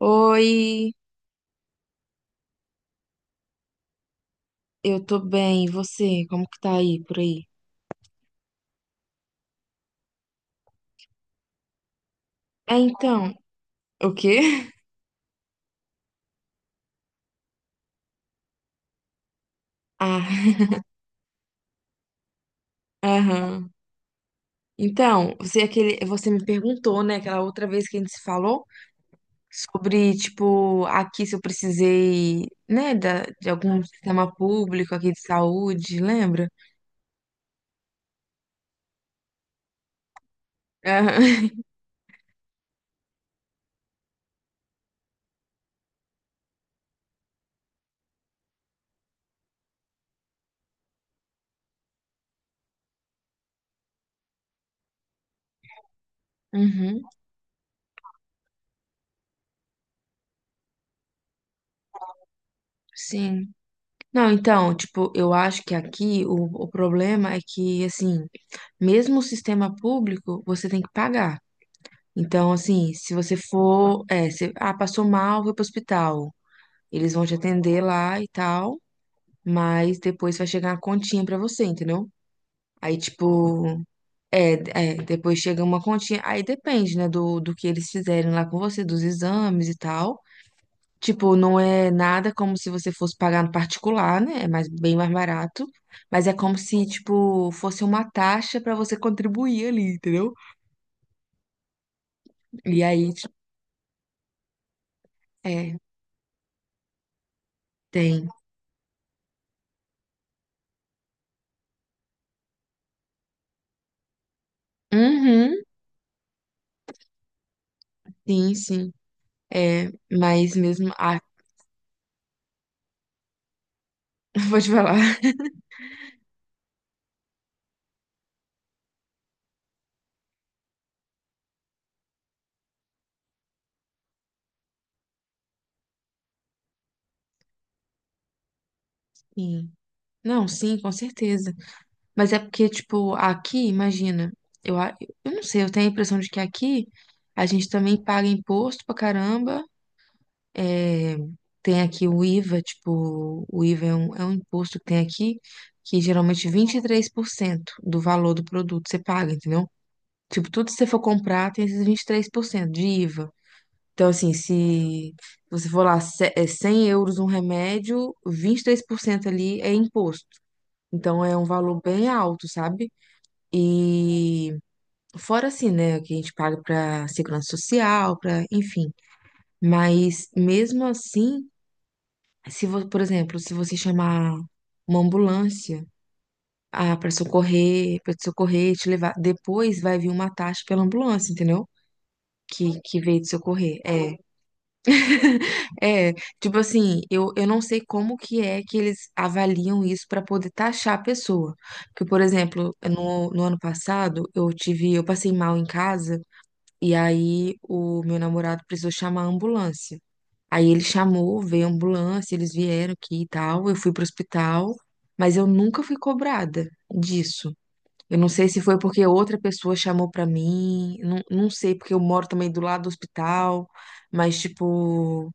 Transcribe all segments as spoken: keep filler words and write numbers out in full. Oi, eu tô bem, e você? Como que tá aí, por aí? É, então, o quê? Ah, aham. Então, você é aquele, você me perguntou, né, aquela outra vez que a gente se falou sobre, tipo, aqui se eu precisei, né, da, de algum sistema público aqui de saúde, lembra? Aham. Uhum, sim. Não, então, tipo, eu acho que aqui o, o problema é que, assim, mesmo o sistema público, você tem que pagar. Então, assim, se você for, é, se, ah, passou mal, foi pro hospital. Eles vão te atender lá e tal, mas depois vai chegar uma continha pra você, entendeu? Aí, tipo, é, é, depois chega uma continha. Aí depende, né, do, do que eles fizerem lá com você, dos exames e tal. Tipo, não é nada como se você fosse pagar no particular, né? É mais, bem mais barato. Mas é como se, tipo, fosse uma taxa pra você contribuir ali, entendeu? E aí, tipo, é, tem. Uhum. Sim, sim. É, mas mesmo. Ah, pode falar. Sim. Não, sim, com certeza. Mas é porque, tipo, aqui, imagina, eu, a- eu não sei, eu tenho a impressão de que aqui a gente também paga imposto pra caramba. É, tem aqui o IVA, tipo, o IVA é um, é um imposto que tem aqui, que geralmente vinte e três por cento do valor do produto você paga, entendeu? Tipo, tudo que você for comprar tem esses vinte e três por cento de IVA. Então, assim, se você for lá, cé- é cem euros um remédio, vinte e três por cento ali é imposto. Então, é um valor bem alto, sabe? E fora assim, né, o que a gente paga para segurança social, para, enfim. Mas mesmo assim, se você, por exemplo, se você chamar uma ambulância, ah, para socorrer, para te socorrer, te levar, depois vai vir uma taxa pela ambulância, entendeu? Que que veio te socorrer. É, É, tipo assim, eu, eu não sei como que é que eles avaliam isso para poder taxar a pessoa. Porque, por exemplo, no, no ano passado, eu tive, eu passei mal em casa e aí o meu namorado precisou chamar a ambulância. Aí ele chamou, veio a ambulância, eles vieram aqui e tal, eu fui pro hospital, mas eu nunca fui cobrada disso. Eu não sei se foi porque outra pessoa chamou pra mim, não, não sei, porque eu moro também do lado do hospital, mas tipo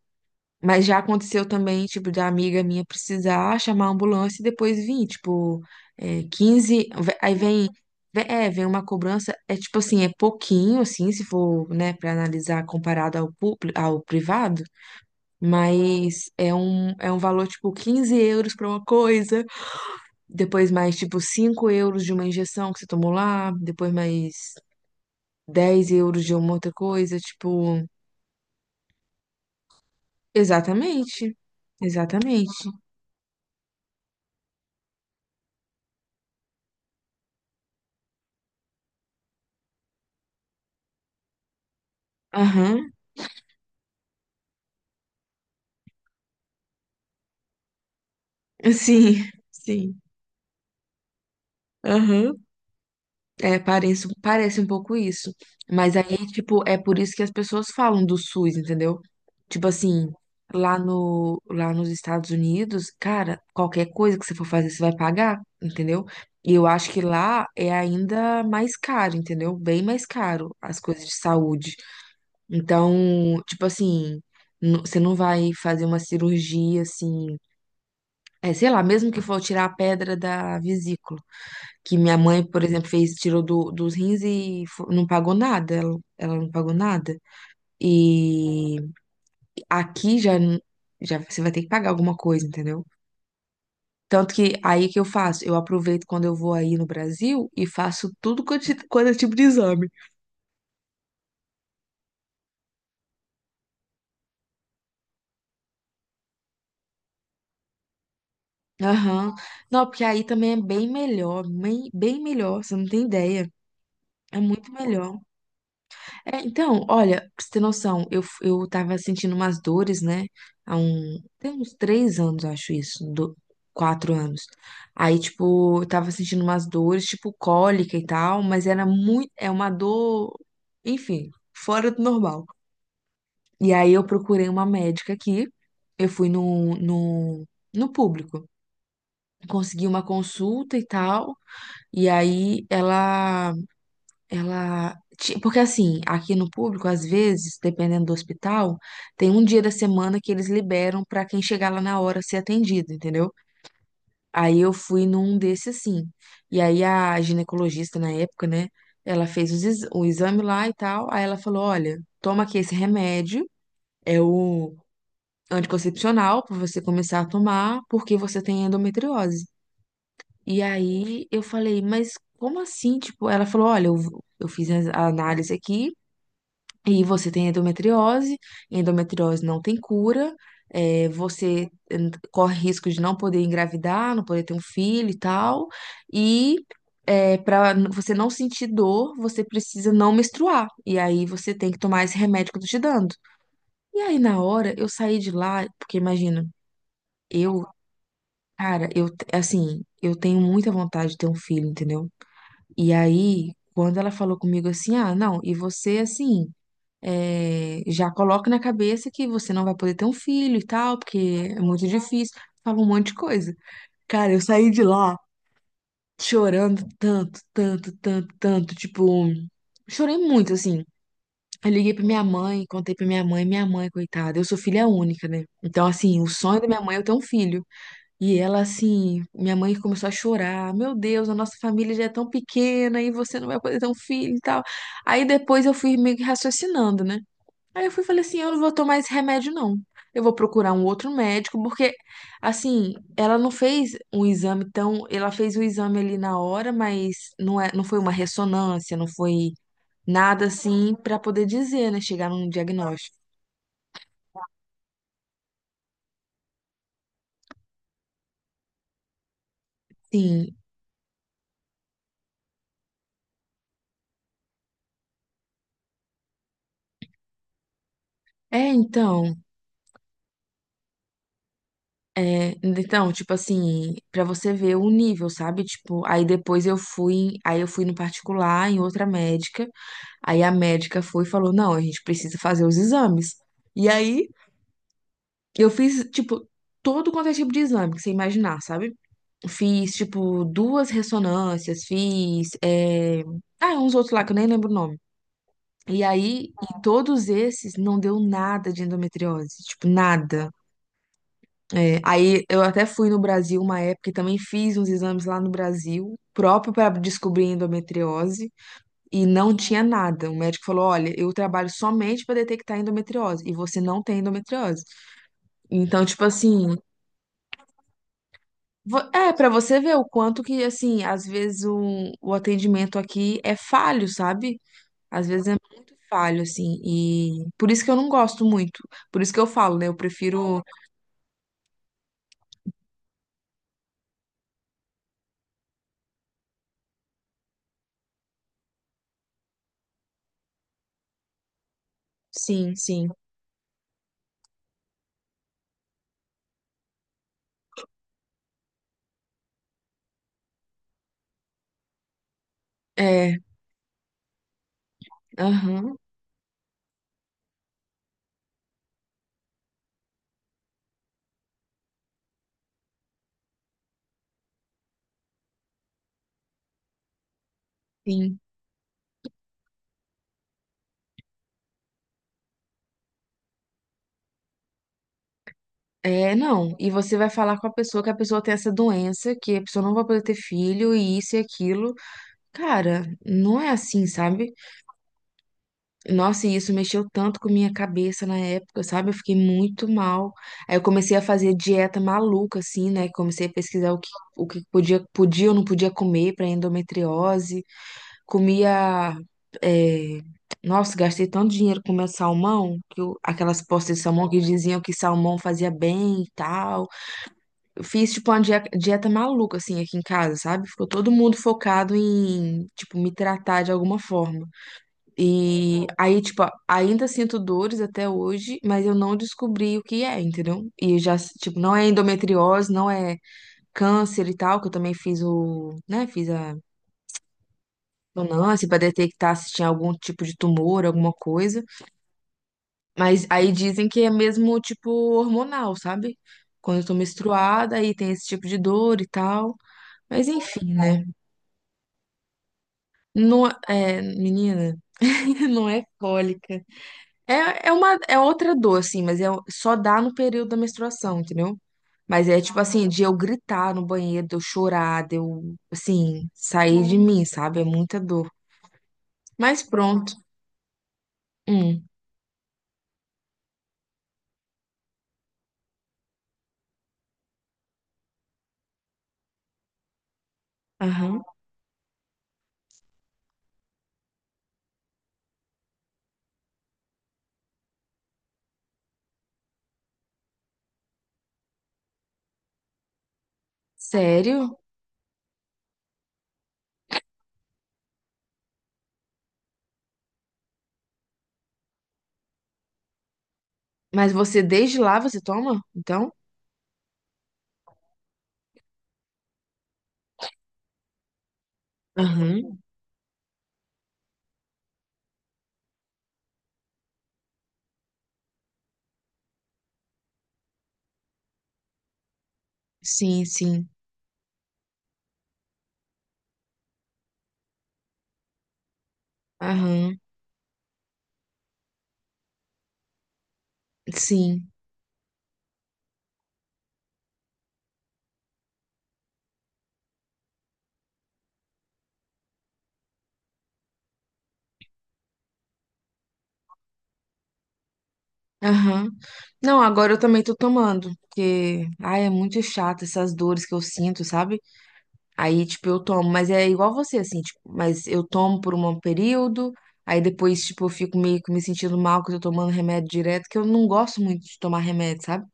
mas já aconteceu também, tipo, da amiga minha precisar chamar a ambulância e depois vir, tipo, é, quinze. ve- Aí vem, ve- é, vem uma cobrança, é tipo assim, é pouquinho, assim, se for, né, pra analisar comparado ao público, ao privado, mas é um, é um valor, tipo, quinze euros pra uma coisa, depois mais, tipo, cinco euros de uma injeção que você tomou lá, depois mais dez euros de uma outra coisa, tipo, exatamente, exatamente. Aham. Sim, sim. Aham. É, parece, parece um pouco isso. Mas aí, tipo, é por isso que as pessoas falam do SUS, entendeu? Tipo assim, lá no, lá nos Estados Unidos, cara, qualquer coisa que você for fazer, você vai pagar, entendeu? E eu acho que lá é ainda mais caro, entendeu? Bem mais caro as coisas de saúde. Então, tipo assim, n- você não vai fazer uma cirurgia assim. É, sei lá, mesmo que for tirar a pedra da vesícula. Que minha mãe, por exemplo, fez, tirou do, dos rins e fo- não pagou nada. Ela, ela não pagou nada. E aqui já, n- já você vai ter que pagar alguma coisa, entendeu? Tanto que aí que eu faço, eu aproveito quando eu vou aí no Brasil e faço tudo quanto, ti- quanto é tipo de exame. Aham. Não, porque aí também é bem melhor, bem, bem melhor, você não tem ideia. É muito melhor. É, então, olha, pra você ter noção, eu, f- eu tava sentindo umas dores, né? Há um, tem uns três anos, eu acho isso, do, quatro anos. Aí, tipo, eu tava sentindo umas dores, tipo, cólica e tal, mas era muito, é uma dor, enfim, fora do normal. E aí eu procurei uma médica aqui, eu fui no, no, no público, consegui uma consulta e tal, e aí ela ela. ti- porque assim, aqui no público, às vezes, dependendo do hospital, tem um dia da semana que eles liberam pra quem chegar lá na hora ser atendido, entendeu? Aí eu fui num desse assim. E aí a ginecologista na época, né? Ela fez os ex- o exame lá e tal. Aí ela falou: olha, toma aqui esse remédio, é o anticoncepcional pra você começar a tomar, porque você tem endometriose. E aí eu falei, mas como assim? Tipo, ela falou: olha, eu, eu fiz a a análise aqui. E você tem endometriose, endometriose não tem cura, eh, você hum, corre risco de não poder engravidar, não poder ter um filho e tal. E para você não sentir dor, você precisa não menstruar. E aí você tem que tomar esse remédio que eu tô te dando. E aí na hora eu saí de lá, porque imagina, eu, cara, eu te- assim, eu tenho muita vontade de ter um filho, entendeu? E aí, quando ela falou comigo assim, ah, não, e você assim eh, já coloca na cabeça que você não vai poder ter um filho e tal, porque é muito difícil. Fala um monte de coisa. Cara, eu saí de lá chorando tanto, tanto, tanto, tanto. Tipo, chorei muito, assim. Eu liguei pra minha mãe, contei pra minha mãe, minha mãe, coitada. Eu sou filha única, né? Então, assim, o sonho da minha mãe é eu ter um filho. E ela, assim, minha mãe começou a chorar. Meu Deus, a nossa família já é tão pequena e você não vai poder ter um filho e tal. Aí depois eu fui meio que raciocinando, né? Aí eu fui e falei assim, eu não vou tomar esse remédio, não. Eu vou procurar um outro médico, porque, assim, ela não fez um exame tão... Ela fez o exame ali na hora, mas não é, não foi uma ressonância, não foi nada assim pra poder dizer, né? Chegar num diagnóstico. Sim. É, então, é, então, tipo assim, pra você ver o nível, sabe? Tipo, aí depois eu fui, aí eu fui no particular, em outra médica, aí a médica foi e falou, não, a gente precisa fazer os exames. E aí, eu fiz, tipo, todo quanto é tipo de exame que você imaginar, sabe? Fiz, tipo, duas ressonâncias, fiz. é, ah, uns outros lá que eu nem lembro o nome. E aí, em todos esses, não deu nada de endometriose, tipo, nada. É, aí eu até fui no Brasil uma época e também fiz uns exames lá no Brasil, próprio para descobrir endometriose, e não tinha nada. O médico falou: olha, eu trabalho somente para detectar endometriose, e você não tem endometriose. Então, tipo assim, Vo- é, pra você ver o quanto que, assim, às vezes o, o atendimento aqui é falho, sabe? Às vezes é muito falho, assim, e por isso que eu não gosto muito. Por isso que eu falo, né? Eu prefiro. Sim, sim. É, aham, sim. É, não. E você vai falar com a pessoa que a pessoa tem essa doença, que a pessoa não vai poder ter filho, e isso e aquilo. Cara, não é assim, sabe? Nossa, e isso mexeu tanto com minha cabeça na época, sabe? Eu fiquei muito mal. Aí eu comecei a fazer dieta maluca, assim, né? Comecei a pesquisar o que, o que podia, podia ou não podia comer para endometriose. Comia. é, Nossa, gastei tanto dinheiro comendo salmão, que eu- aquelas postas de salmão que diziam que salmão fazia bem e tal. Eu fiz, tipo, uma dia- dieta maluca, assim, aqui em casa, sabe? Ficou todo mundo focado em, tipo, me tratar de alguma forma. E aí, tipo, ainda sinto dores até hoje, mas eu não descobri o que é, entendeu? E já, tipo, não é endometriose, não é câncer e tal, que eu também fiz o, né, fiz a ressonância pra detectar se tinha algum tipo de tumor, alguma coisa. Mas aí dizem que é mesmo, tipo, hormonal, sabe? Quando eu tô menstruada, aí tem esse tipo de dor e tal. Mas enfim, né? Não, é, é, menina, não é cólica. É, é uma é outra dor, assim, mas é, só dá no período da menstruação, entendeu? Mas é tipo assim, de eu gritar no banheiro, de eu chorar, de eu, assim, sair de mim, sabe? É muita dor. Mas pronto. Hum, aham. Sério? Mas você, desde lá, você toma? Então? Aham. Sim, sim. Aham. Sim. Aham. Não, agora eu também tô tomando, porque, ai, é muito chato essas dores que eu sinto, sabe? Aí, tipo, eu tomo, mas é igual você, assim, tipo, mas eu tomo por um período, aí depois, tipo, eu fico meio que me sentindo mal que eu tô tomando remédio direto, que eu não gosto muito de tomar remédio, sabe?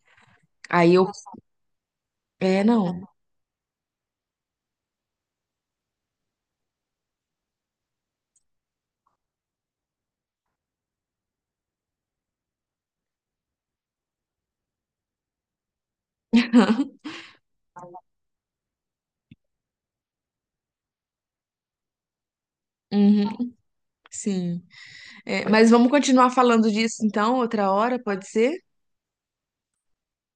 Aí eu. É, não. Uhum, sim. É, mas vamos continuar falando disso então, outra hora, pode ser?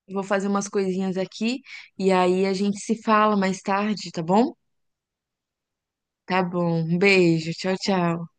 Vou fazer umas coisinhas aqui e aí a gente se fala mais tarde, tá bom? Tá bom. Um beijo. Tchau, tchau.